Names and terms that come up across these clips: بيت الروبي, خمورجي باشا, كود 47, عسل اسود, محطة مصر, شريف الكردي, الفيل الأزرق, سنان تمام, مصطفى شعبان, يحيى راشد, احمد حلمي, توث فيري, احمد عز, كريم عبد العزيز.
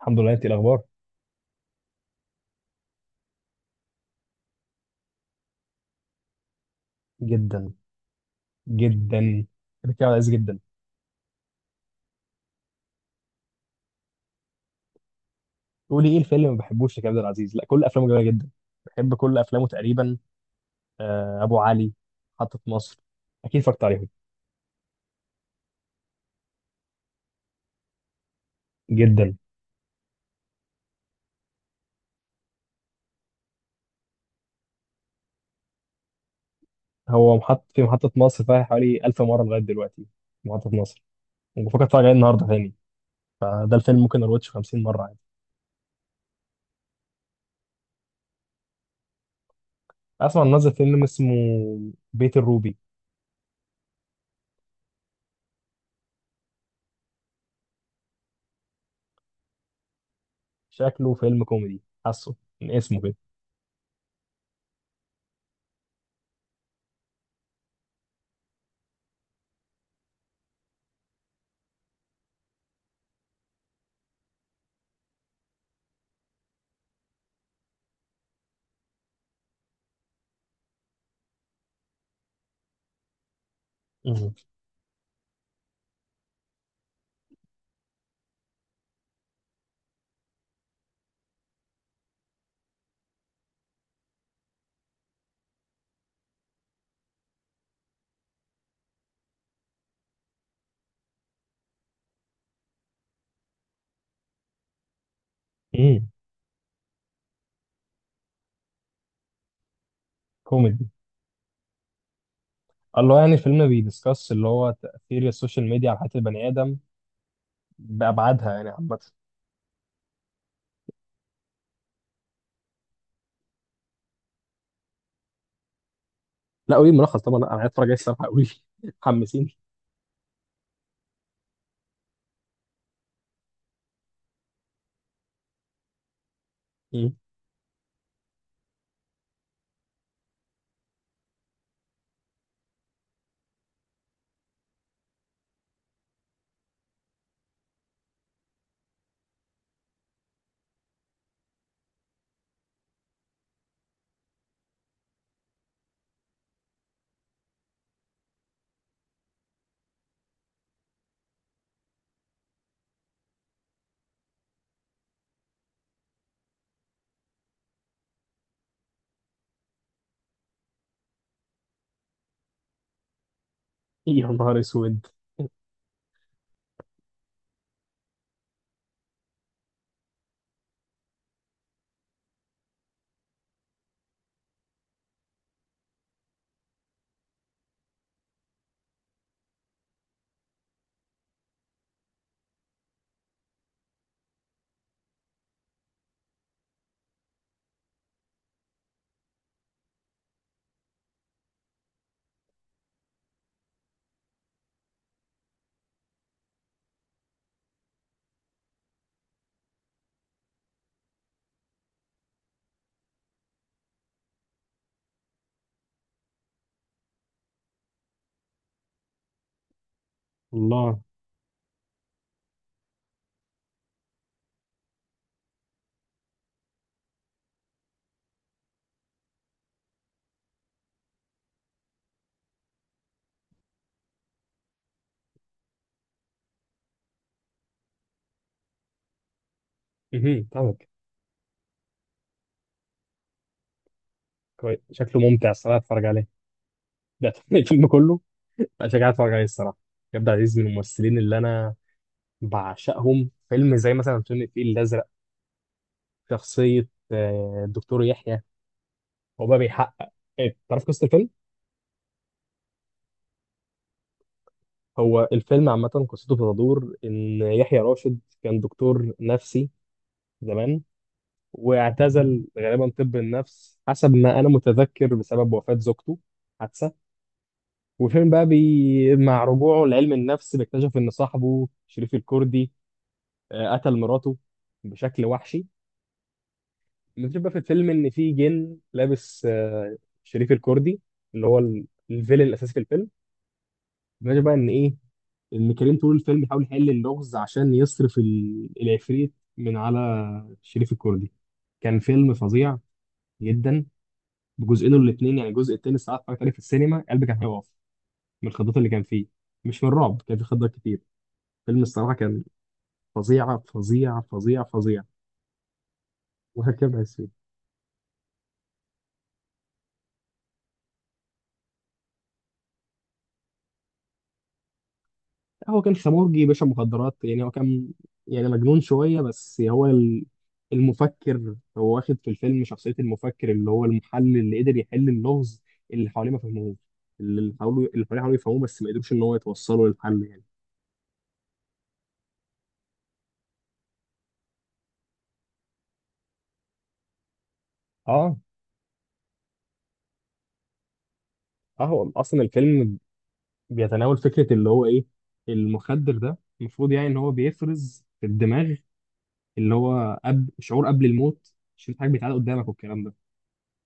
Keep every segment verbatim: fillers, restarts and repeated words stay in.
الحمد لله، انت ايه الاخبار؟ جدا. جدا. بحب كريم عبد العزيز جدا. قولي ايه الفيلم اللي ما بحبوش لكريم عبد العزيز؟ لا، كل افلامه جميله جدا. بحب كل افلامه تقريبا. آه، ابو علي. محطه مصر. اكيد اتفرجت عليهم. جدا. هو محط في محطه مصر فيها حوالي ألف مرة مره لغايه دلوقتي. محطه مصر. وبفكر اتفرج عليه النهارده تاني. فده الفيلم ممكن اروتش خمسين مرة مره عادي. اسمع إن نزل فيلم اسمه بيت الروبي. شكله فيلم كوميدي حاسه من اسمه كده. مم. امم. كوميدي. الله، يعني الفيلم بيدسكس اللي هو تأثير السوشيال ميديا على حياة البني آدم بأبعادها يعني عامة. لا، قولي ملخص طبعا. لا، أنا عايز أتفرج عليه الصراحة. قولي. حمسيني. مم. يا نهار أسود. الله. مهم. طبعا. كويس، شكله ممتع الصراحة، أتفرج عليه. ده الفيلم كله. لا، شجاع أتفرج عليه الصراحة. كابتن عزيز من الممثلين اللي أنا بعشقهم. فيلم زي مثلا فيلم الفيل الأزرق. شخصية آه، الدكتور يحيى. هو بقى بيحقق. إيه، تعرف قصة الفيلم؟ هو الفيلم عامة قصته بتدور إن يحيى راشد كان دكتور نفسي زمان، واعتزل غالبا طب النفس حسب ما أنا متذكر بسبب وفاة زوجته. حادثة. والفيلم بقى بي... مع رجوعه لعلم النفس بيكتشف إن صاحبه شريف الكردي آه، قتل مراته بشكل وحشي. بنكتشف بقى في الفيلم إن في جن لابس آه، شريف الكردي، اللي هو ال- الفيلن الأساسي في الفيلم. بنكتشف بقى إن إيه، ان كريم طول الفيلم بيحاول يحل اللغز عشان يصرف ال- العفريت من على شريف الكردي. كان فيلم فظيع جدا، بجزئين الاتنين. يعني الجزء التاني الصراحه اتفرجت عليه في السينما، قلبي كان هيقف من الخضات اللي كان فيه، مش من الرعب، كان في خضات كتير. فيلم الصراحه كان فظيع فظيع فظيع فظيع وهكذا. هو كان خمورجي باشا مخدرات، يعني هو كان، يعني مجنون شوية، بس هو ال- المفكر. هو واخد في الفيلم شخصية المفكر، اللي هو المحلل اللي قدر يحل اللغز اللي حواليه ما فهموه. اللي حاولوا اللي حواليه حاولوا يفهموه بس ما قدروش ان هو يتوصلوا للحل يعني. اه. اه، هو اصلا الفيلم بيتناول فكرة اللي هو ايه. المخدر ده المفروض يعني ان هو بيفرز في الدماغ، اللي هو قبل شعور قبل الموت شوف حاجة بيتعاد قدامك والكلام ده،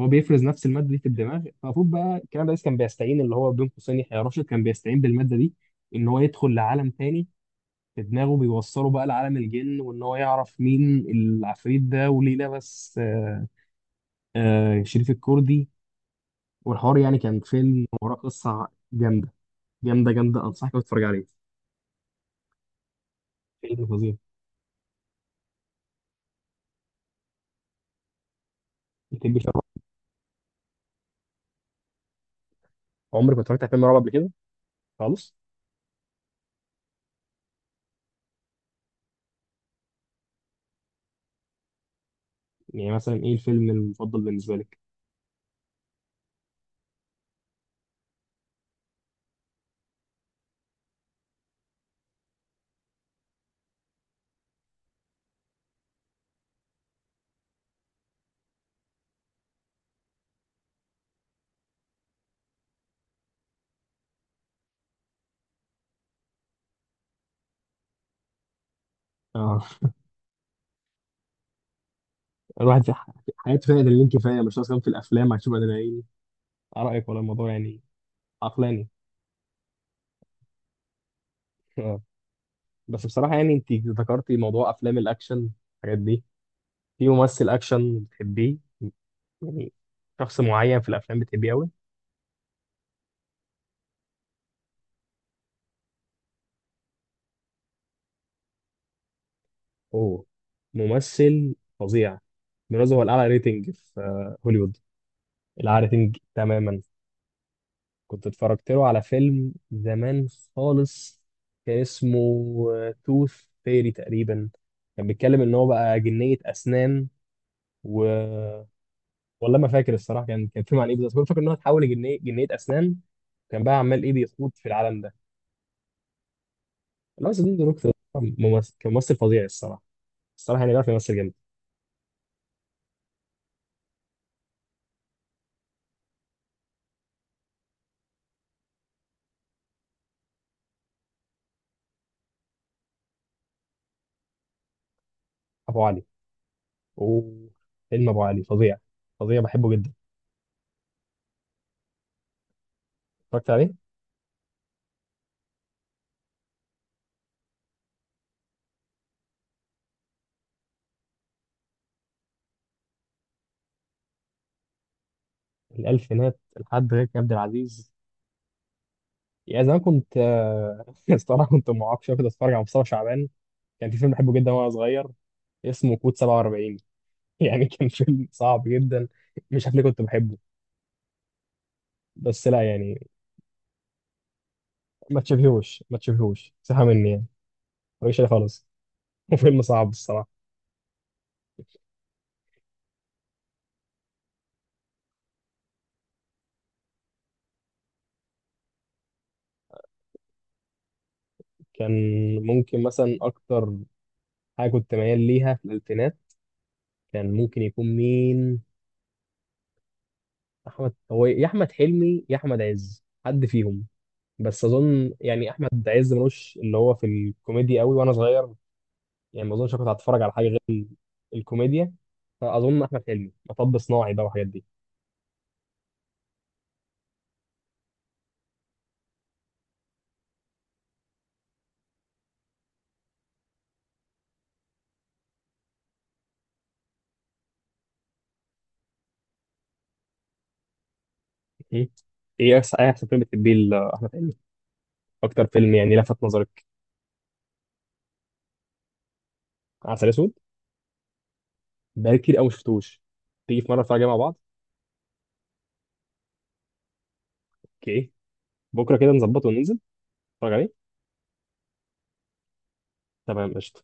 هو بيفرز نفس الماده دي في الدماغ. فالمفروض بقى الكلام ده كان بيستعين، اللي هو بين قوسين يحيى راشد كان بيستعين بالماده دي ان هو يدخل لعالم تاني في دماغه، بيوصله بقى لعالم الجن وان هو يعرف مين العفريت ده وليه لبس آه، آه، شريف الكردي. والحوار، يعني كان فيلم وراه قصه جامده، جامده جامده، انصحك إنك تتفرج عليه. فيلم فظيع، يتم شرح. عمرك ما اتفرجت على فيلم رعب قبل كده؟ خالص؟ يعني مثلا ايه الفيلم المفضل بالنسبه لك؟ اه. الواحد في ح- حياته فيها ادرينالين كفايه، مش ناقص كمان في الافلام هتشوف ادرينالين. رأيك، ولا الموضوع يعني عقلاني. آه. بس بصراحة، يعني انت ذكرتي موضوع افلام الاكشن الحاجات دي، في ممثل اكشن بتحبيه؟ يعني شخص معين في الافلام بتحبيه قوي؟ هو ممثل فظيع، بالمناسبة هو الاعلى ريتنج في آه، هوليوود. الاعلى ريتنج تماما. كنت اتفرجت له على فيلم زمان خالص، كان اسمه توث فيري تقريبا. كان بيتكلم ان هو بقى جنية اسنان و. والله ما فاكر الصراحه كان كان فيلم عن ايه بالظبط، بس أنا فاكر ان هو اتحول لجنيه جنيه اسنان. كان بقى عمال ايه بيخوض في العالم ده، اللي هو صديق دروك ده. ممثل، كان ممثل فظيع الصراحه. الصراحه يعني بيعرف يمثل جامد. ابو علي. اوه، فيلم ابو علي فظيع. فظيع بحبه جدا. اتفرجت عليه. الالفينات لحد غير عبد العزيز؟ يا زمان كنت آه، الصراحه كنت معاق شويه، كنت اتفرج على مصطفى شعبان. كان في فيلم بحبه جدا وانا صغير، اسمه كود سبعة وأربعين. يعني كان فيلم صعب جدا، مش عارف ليه كنت بحبه، بس لا يعني، ما تشبهوش ما تشبهوش سحب مني يعني، ماليش عليه خالص. وفيلم صعب الصراحه. كان ممكن مثلا اكتر حاجه كنت ميال ليها في الالفينات كان ممكن يكون مين؟ احمد، هو يا احمد حلمي يا احمد عز حد فيهم. بس اظن يعني احمد عز ملوش اللي هو في الكوميديا قوي وانا صغير، يعني ما اظنش كنت هتفرج على حاجه غير ال- الكوميديا. فاظن احمد حلمي مطب صناعي بقى والحاجات دي. م؟ ايه احسن إيه أحسن فيلم بتحبيه لاحمد حلمي؟ اكتر فيلم يعني لفت نظرك. عسل اسود. بقالي كتير قوي ما شفتوش، تيجي في مره نتفرج عليه مع بعض. اوكي. بكره كده نظبطه وننزل نتفرج عليه. تمام قشطه.